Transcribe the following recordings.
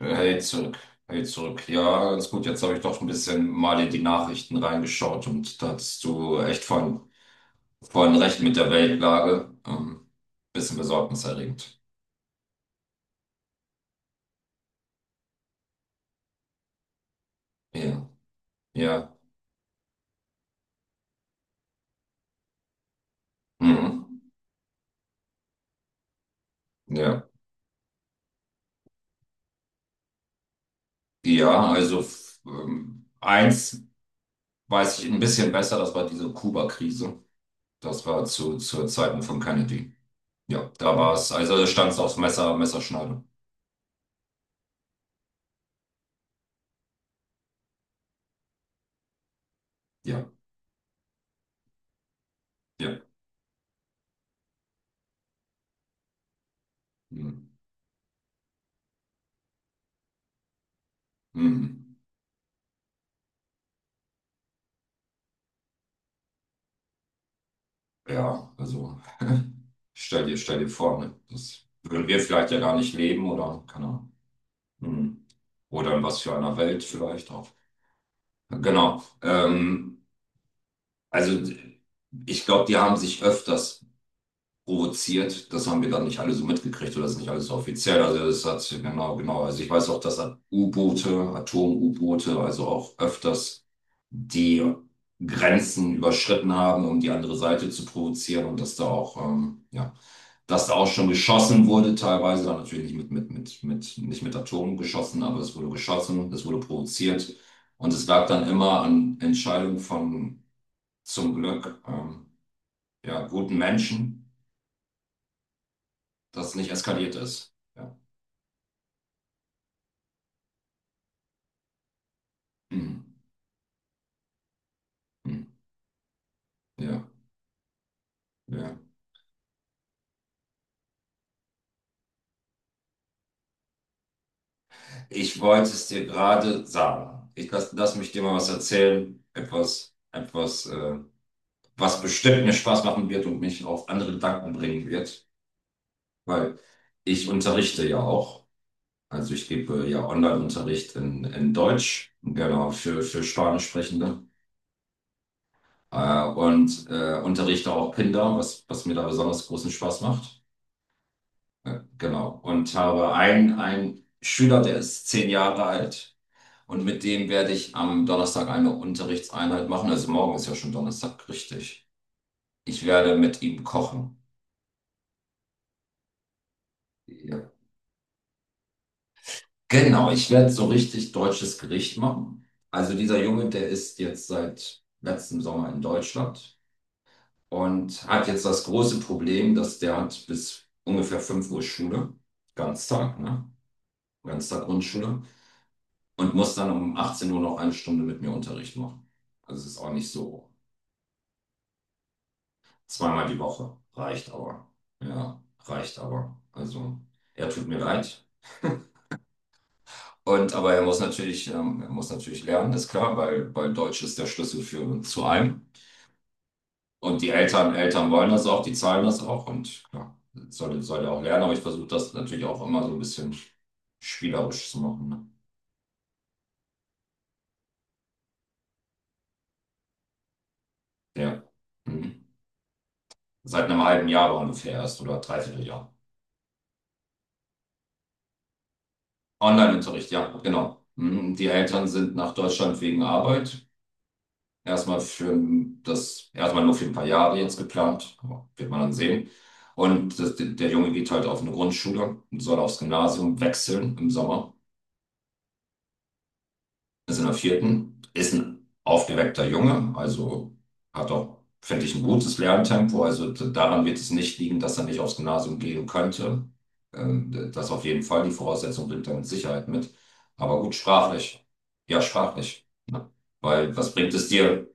Hey zurück, hey zurück. Ja, ganz gut. Jetzt habe ich doch ein bisschen mal in die Nachrichten reingeschaut und da hattest du echt von recht mit der Weltlage. Bisschen besorgniserregend. Ja, ja, mhm. Ja, ja, also eins weiß ich ein bisschen besser, das war diese Kuba-Krise. Das war zu Zeiten von Kennedy. Ja, da war es, also da stand es aufs Messer, Messerschneide. Ja, ja. Mhm. Mhm. Ja, also stell dir vor, ne? Das würden wir vielleicht ja gar nicht leben oder keine Ahnung. Hm. Oder in was für einer Welt vielleicht auch. Genau. Also ich glaube, die haben sich öfters provoziert. Das haben wir dann nicht alle so mitgekriegt oder das ist nicht alles so offiziell. Also das hat, genau, genau. Also ich weiß auch, dass hat U-Boote, Atom-U-Boote, also auch öfters die Grenzen überschritten haben, um die andere Seite zu provozieren und dass da auch, ja, dass da auch schon geschossen wurde, teilweise dann natürlich nicht mit, nicht mit Atomen geschossen, aber es wurde geschossen, es wurde provoziert und es lag dann immer an Entscheidungen von zum Glück ja, guten Menschen das nicht eskaliert ist. Ja. Hm. Hm. Ja. Ja. Ich wollte es dir gerade sagen. Ich lass mich dir mal was erzählen. Etwas, was bestimmt mir Spaß machen wird und mich auf andere Gedanken bringen wird. Weil ich unterrichte ja auch. Also ich gebe ja Online-Unterricht in Deutsch, genau, für Spanischsprechende. Und unterrichte auch Kinder, was, was mir da besonders großen Spaß macht. Genau. Und habe einen, einen Schüler, der ist 10 Jahre alt. Und mit dem werde ich am Donnerstag eine Unterrichtseinheit machen. Also morgen ist ja schon Donnerstag, richtig. Ich werde mit ihm kochen. Ja. Genau, ich werde so richtig deutsches Gericht machen. Also dieser Junge, der ist jetzt seit letztem Sommer in Deutschland und hat jetzt das große Problem, dass der hat bis ungefähr 5 Uhr Schule, Ganztag, ne? Ganztag Grundschule. Und muss dann um 18 Uhr noch eine Stunde mit mir Unterricht machen. Also es ist auch nicht so. Zweimal die Woche reicht aber. Ja, reicht aber. Also er tut mir leid. Und aber er muss natürlich lernen, ist klar, weil, weil Deutsch ist der Schlüssel für zu allem. Und die Eltern wollen das auch, die zahlen das auch und klar, soll, soll er auch lernen, aber ich versuche das natürlich auch immer so ein bisschen spielerisch zu machen. Ne? Ja. Mhm. Seit einem halben Jahr ungefähr erst oder dreiviertel Jahr. Online-Unterricht, ja, genau. Mhm. Die Eltern sind nach Deutschland wegen Arbeit. Erstmal für das, erstmal nur für ein paar Jahre jetzt geplant, aber wird man dann sehen. Und das, der Junge geht halt auf eine Grundschule und soll aufs Gymnasium wechseln im Sommer. Ist in der vierten, ist ein aufgeweckter Junge, also hat auch, finde ich, ein gutes Lerntempo. Also daran wird es nicht liegen, dass er nicht aufs Gymnasium gehen könnte. Das auf jeden Fall, die Voraussetzung bringt er mit Sicherheit mit. Aber gut, sprachlich. Ja, sprachlich. Ne? Weil was bringt es dir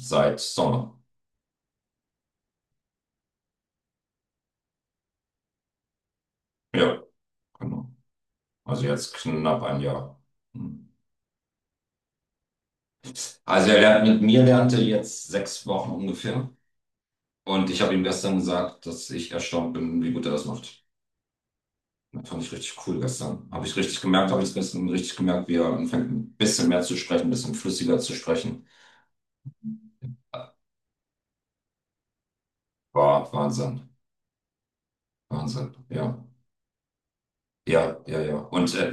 seit Sommer? Ja, genau. Also jetzt knapp ein Jahr. Hm. Also er lernt mit mir lernte jetzt 6 Wochen ungefähr. Und ich habe ihm gestern gesagt, dass ich erstaunt bin, wie gut er das macht. Das fand ich richtig cool gestern. Habe ich richtig gemerkt, habe ich gestern richtig gemerkt, wie er anfängt, ein bisschen mehr zu sprechen, ein bisschen flüssiger zu sprechen. War Wahnsinn. Wahnsinn. Ja. Ja, ja, ja. Und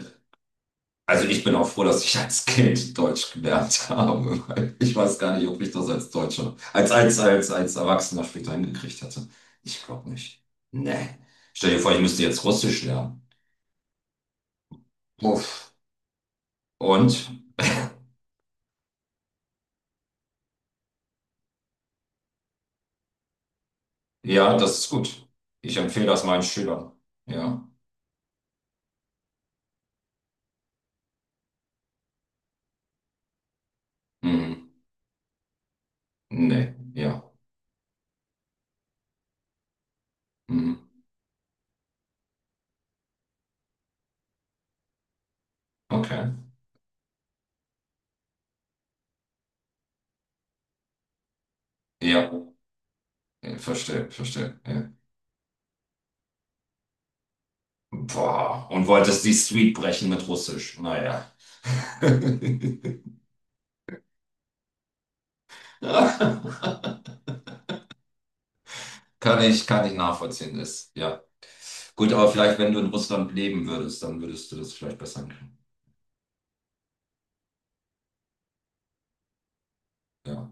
also ich bin auch froh, dass ich als Kind Deutsch gelernt habe. Weil ich weiß gar nicht, ob ich das als Deutscher, als Erwachsener später hingekriegt hätte. Ich glaube nicht. Nee. Stell dir vor, ich müsste jetzt Russisch lernen. Uff. Und ja, das ist gut. Ich empfehle das meinen Schülern. Ja. Mhm. Nee, ja. Mhm. Okay. Ja, verstehe, verstehe. Ja. Boah. Und wolltest die Street brechen mit Russisch. Naja. Kann ich nachvollziehen, ist. Ja. Gut, aber vielleicht, wenn du in Russland leben würdest, dann würdest du das vielleicht besser hinkriegen. Ja.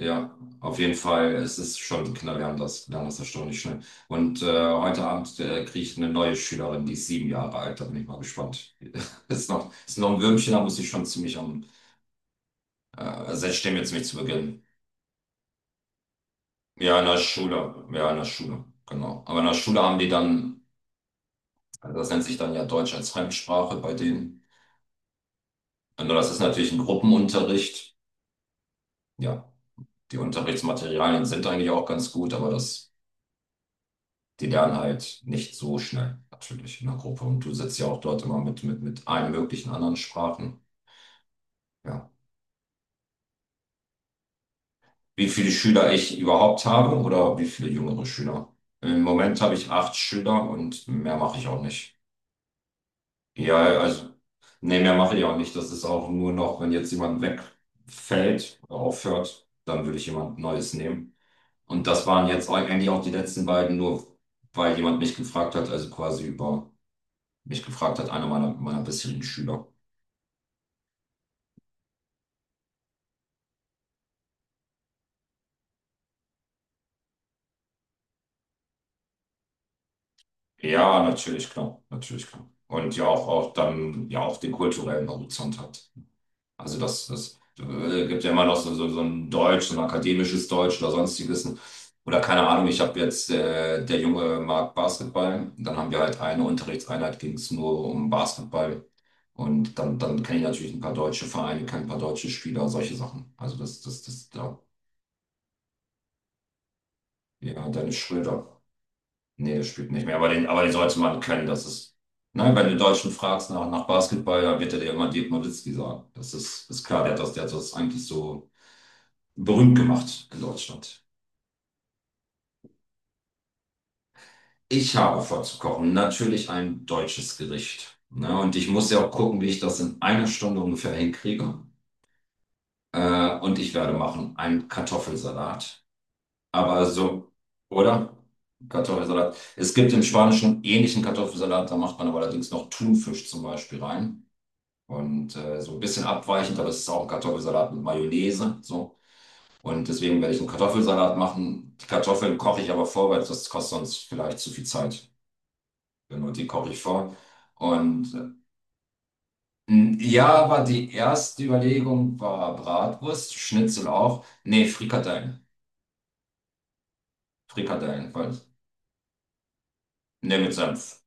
Ja, auf jeden Fall. Es ist schon, Kinder lernen das erstaunlich schnell. Und heute Abend kriege ich eine neue Schülerin, die ist 7 Jahre alt. Da bin ich mal gespannt. Ist noch ein Würmchen, da muss ich schon ziemlich am Also ich stimme jetzt nicht zu Beginn. Ja, in der Schule. Ja, in der Schule, genau. Aber in der Schule haben die dann, also das nennt sich dann ja Deutsch als Fremdsprache bei denen. Nur das ist natürlich ein Gruppenunterricht. Ja, die Unterrichtsmaterialien sind eigentlich auch ganz gut, aber das, die lernen halt nicht so schnell, natürlich in der Gruppe. Und du sitzt ja auch dort immer mit allen möglichen anderen Sprachen. Ja. Wie viele Schüler ich überhaupt habe oder wie viele jüngere Schüler? Im Moment habe ich 8 Schüler und mehr mache ich auch nicht. Ja, also, nee, mehr mache ich auch nicht. Das ist auch nur noch, wenn jetzt jemand wegfällt oder aufhört, dann würde ich jemand Neues nehmen. Und das waren jetzt eigentlich auch die letzten beiden, nur weil jemand mich gefragt hat, also quasi über mich gefragt hat, einer meiner, meiner bisherigen Schüler. Ja, natürlich, klar, natürlich, klar. Und ja, auch, auch dann, ja, auch den kulturellen Horizont hat. Also das, das gibt ja immer noch so, so, so ein Deutsch, so ein akademisches Deutsch oder sonstiges. Oder keine Ahnung, ich habe jetzt, der Junge mag Basketball. Dann haben wir halt eine Unterrichtseinheit, ging es nur um Basketball. Und dann, dann kenne ich natürlich ein paar deutsche Vereine, kenne ein paar deutsche Spieler, solche Sachen. Also das, das, das, ja, ja, Dennis Schröder. Nee, der spielt nicht mehr, aber den sollte man kennen. Das ist, nein, wenn du Deutschen fragst nach, nach Basketball, dann wird er dir immer Dirk Nowitzki sagen. Das ist, ist klar, der hat das eigentlich so berühmt gemacht in Deutschland. Ich habe vor zu kochen, natürlich ein deutsches Gericht. Ne? Und ich muss ja auch gucken, wie ich das in einer Stunde ungefähr hinkriege. Und ich werde machen einen Kartoffelsalat. Aber so, oder? Kartoffelsalat. Es gibt im Spanischen einen ähnlichen Kartoffelsalat, da macht man aber allerdings noch Thunfisch zum Beispiel rein. Und so ein bisschen abweichend, aber es ist auch ein Kartoffelsalat mit Mayonnaise. So. Und deswegen werde ich einen Kartoffelsalat machen. Die Kartoffeln koche ich aber vor, weil das kostet sonst vielleicht zu viel Zeit. Genau, die koche ich vor. Und ja, war die erste Überlegung war Bratwurst, Schnitzel auch. Nee, Frikadellen. Frikadellen, weil, nee, mit Senf.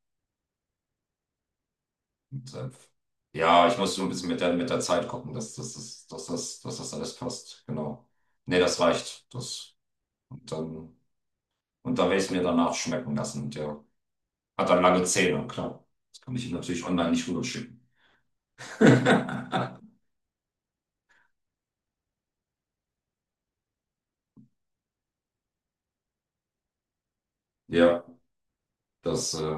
Mit Senf. Ja, ich muss so ein bisschen mit der Zeit gucken, dass das alles passt. Genau. Nee, das reicht. Das, und dann, und dann werde ich es mir danach schmecken lassen. Und ja. Hat dann lange Zähne, klar. Das kann ich natürlich online nicht rüberschicken. Ja, das,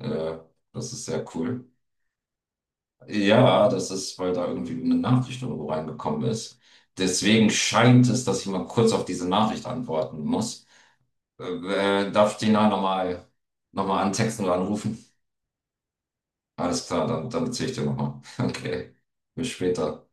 äh, das ist sehr cool. Ja, das ist, weil da irgendwie eine Nachricht irgendwo reingekommen ist. Deswegen scheint es, dass ich mal kurz auf diese Nachricht antworten muss. Darf ich den da nochmal noch mal antexten oder anrufen? Alles klar, dann, dann erzähle ich dir nochmal. Okay, bis später.